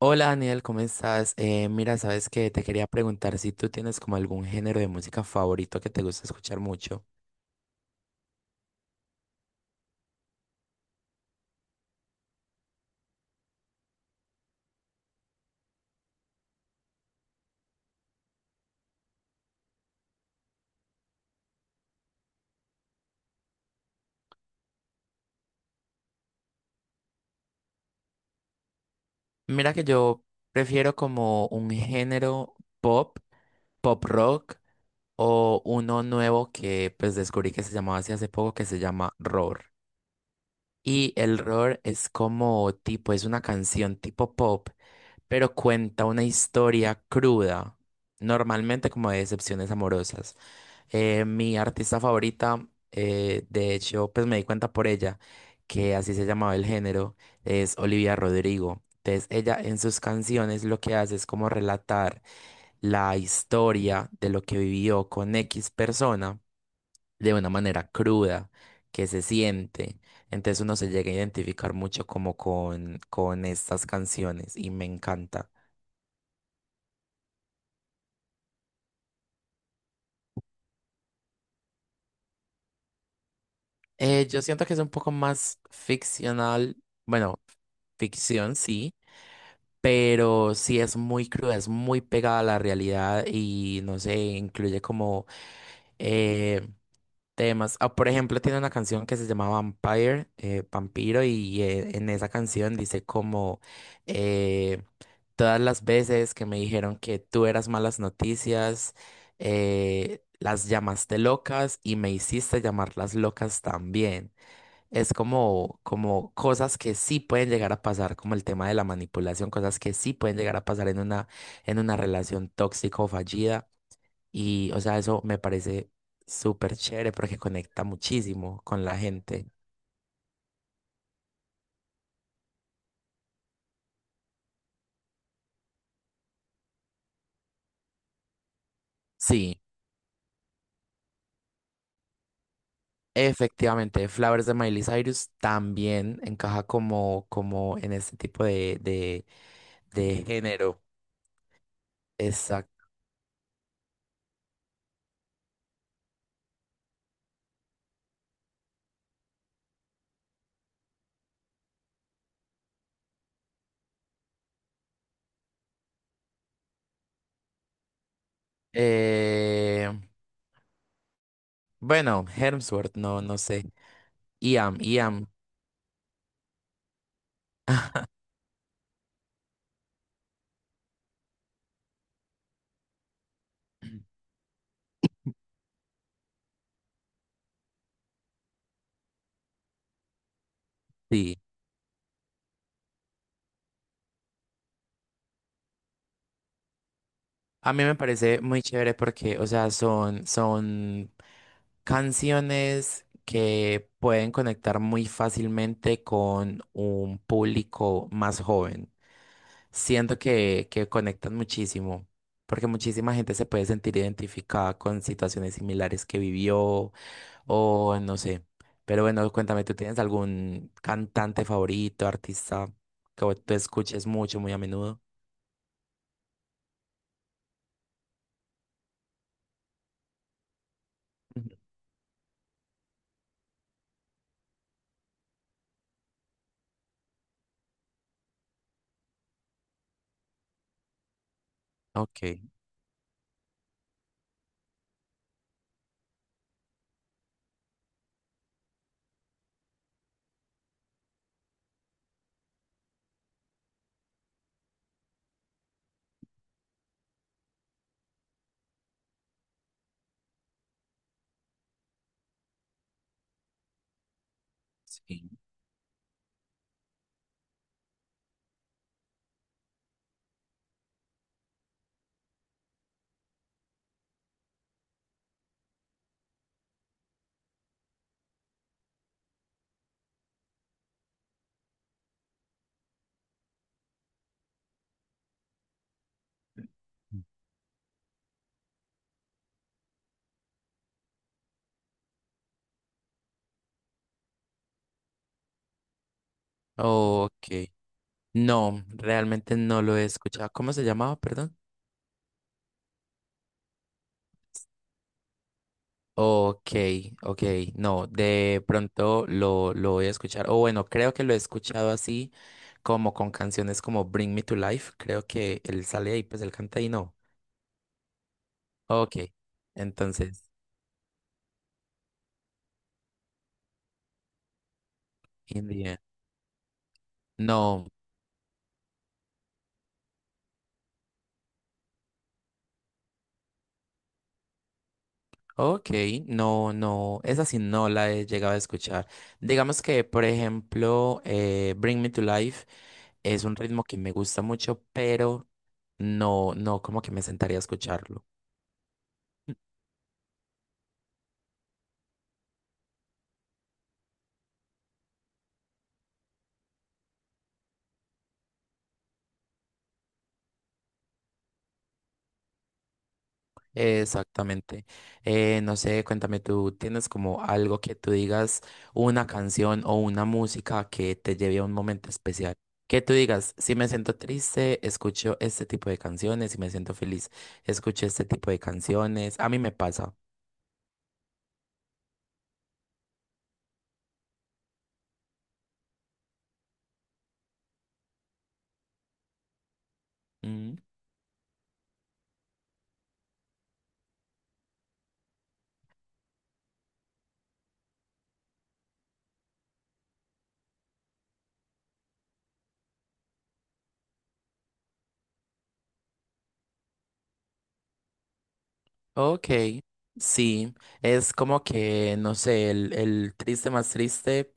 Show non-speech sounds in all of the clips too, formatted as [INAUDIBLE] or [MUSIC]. Hola Daniel, ¿cómo estás? Mira, sabes que te quería preguntar si tú tienes como algún género de música favorito que te gusta escuchar mucho. Mira que yo prefiero como un género pop, pop rock o uno nuevo que pues descubrí que se llamaba así hace poco que se llama roar. Y el roar es como tipo, es una canción tipo pop, pero cuenta una historia cruda, normalmente como de decepciones amorosas. Mi artista favorita, de hecho, pues me di cuenta por ella, que así se llamaba el género, es Olivia Rodrigo. Entonces, ella en sus canciones lo que hace es como relatar la historia de lo que vivió con X persona de una manera cruda que se siente. Entonces uno se llega a identificar mucho como con estas canciones y me encanta. Yo siento que es un poco más ficcional, bueno, ficción sí, pero sí es muy cruda, es muy pegada a la realidad y no sé, incluye como eh, temas. Ah, por ejemplo, tiene una canción que se llama Vampire, Vampiro, y en esa canción dice como eh, todas las veces que me dijeron que tú eras malas noticias, las llamaste locas y me hiciste llamarlas locas también. Es como, como cosas que sí pueden llegar a pasar, como el tema de la manipulación, cosas que sí pueden llegar a pasar en una relación tóxica o fallida. Y, o sea, eso me parece súper chévere porque conecta muchísimo con la gente. Sí, efectivamente, Flowers de Miley Cyrus también encaja como, como en este tipo de género. Exacto. Eh, bueno, Hemsworth, no, no sé. Iam, Iam. [CLEARS THROAT] Sí. A mí me parece muy chévere porque, o sea, son, son canciones que pueden conectar muy fácilmente con un público más joven. Siento que conectan muchísimo, porque muchísima gente se puede sentir identificada con situaciones similares que vivió o no sé. Pero bueno, cuéntame, ¿tú tienes algún cantante favorito, artista que tú escuches mucho, muy a menudo? Ujú. Ok, sí. Ok. No, realmente no lo he escuchado. ¿Cómo se llamaba, perdón? Ok, ok, no, de pronto lo voy a escuchar. O bueno, creo que lo he escuchado así, como con canciones como Bring Me to Life. Creo que él sale ahí, pues él canta ahí, no. Ok, entonces, India. No, ok, no, no, esa sí no la he llegado a escuchar. Digamos que, por ejemplo, Bring Me to Life es un ritmo que me gusta mucho, pero no, no, como que me sentaría a escucharlo. Exactamente. No sé, cuéntame, ¿tú tienes como algo que tú digas, una canción o una música que te lleve a un momento especial? Que tú digas, si me siento triste, escucho este tipo de canciones, si me siento feliz, escucho este tipo de canciones. A mí me pasa. Mm, ok, sí, es como que, no sé, el triste más triste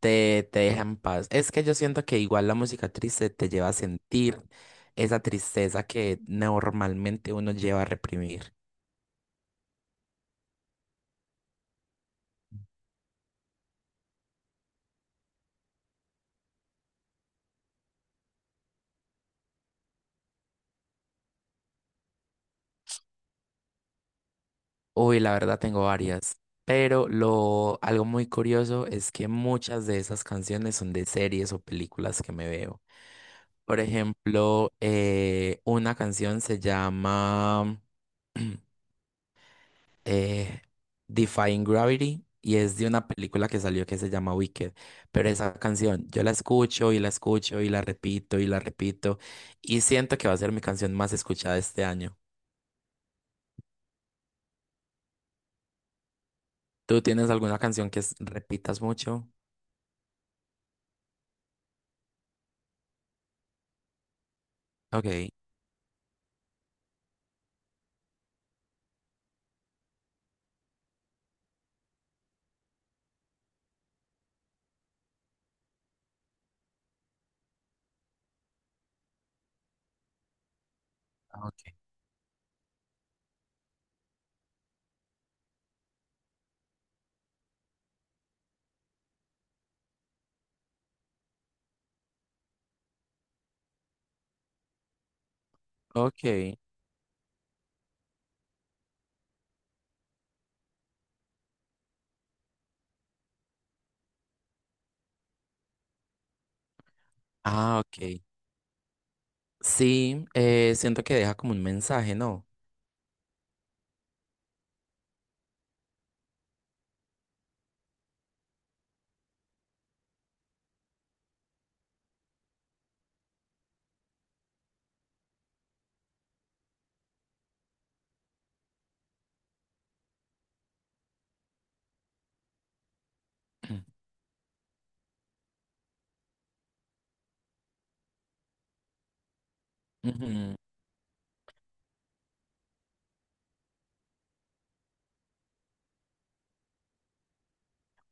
te, te deja en paz. Es que yo siento que igual la música triste te lleva a sentir esa tristeza que normalmente uno lleva a reprimir. Uy, la verdad tengo varias, pero lo algo muy curioso es que muchas de esas canciones son de series o películas que me veo. Por ejemplo, una canción se llama [CLEARS THROAT] eh, Defying Gravity y es de una película que salió que se llama Wicked. Pero esa canción yo la escucho y la escucho y la repito y la repito y siento que va a ser mi canción más escuchada este año. ¿Tú tienes alguna canción que es- repitas mucho? Ok, ok, ok. Ah, ok. Sí, siento que deja como un mensaje, ¿no? [CLEARS THROAT] Ujú.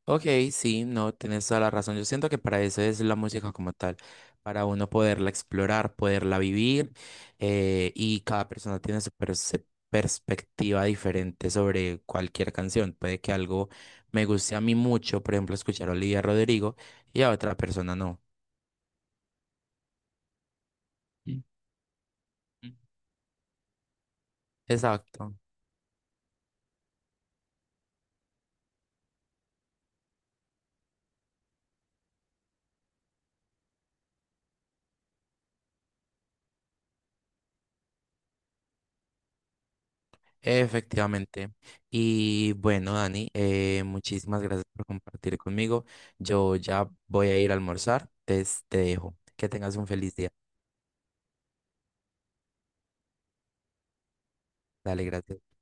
Ok, sí, no, tienes toda la razón. Yo siento que para eso es la música como tal, para uno poderla explorar, poderla vivir, y cada persona tiene su perspectiva diferente sobre cualquier canción. Puede que algo me guste a mí mucho, por ejemplo, escuchar a Olivia Rodrigo y a otra persona no. Mm, mm. Exacto. Efectivamente. Y bueno, Dani, muchísimas gracias por compartir conmigo. Yo ya voy a ir a almorzar. Entonces te dejo. Que tengas un feliz día. Dale, gracias.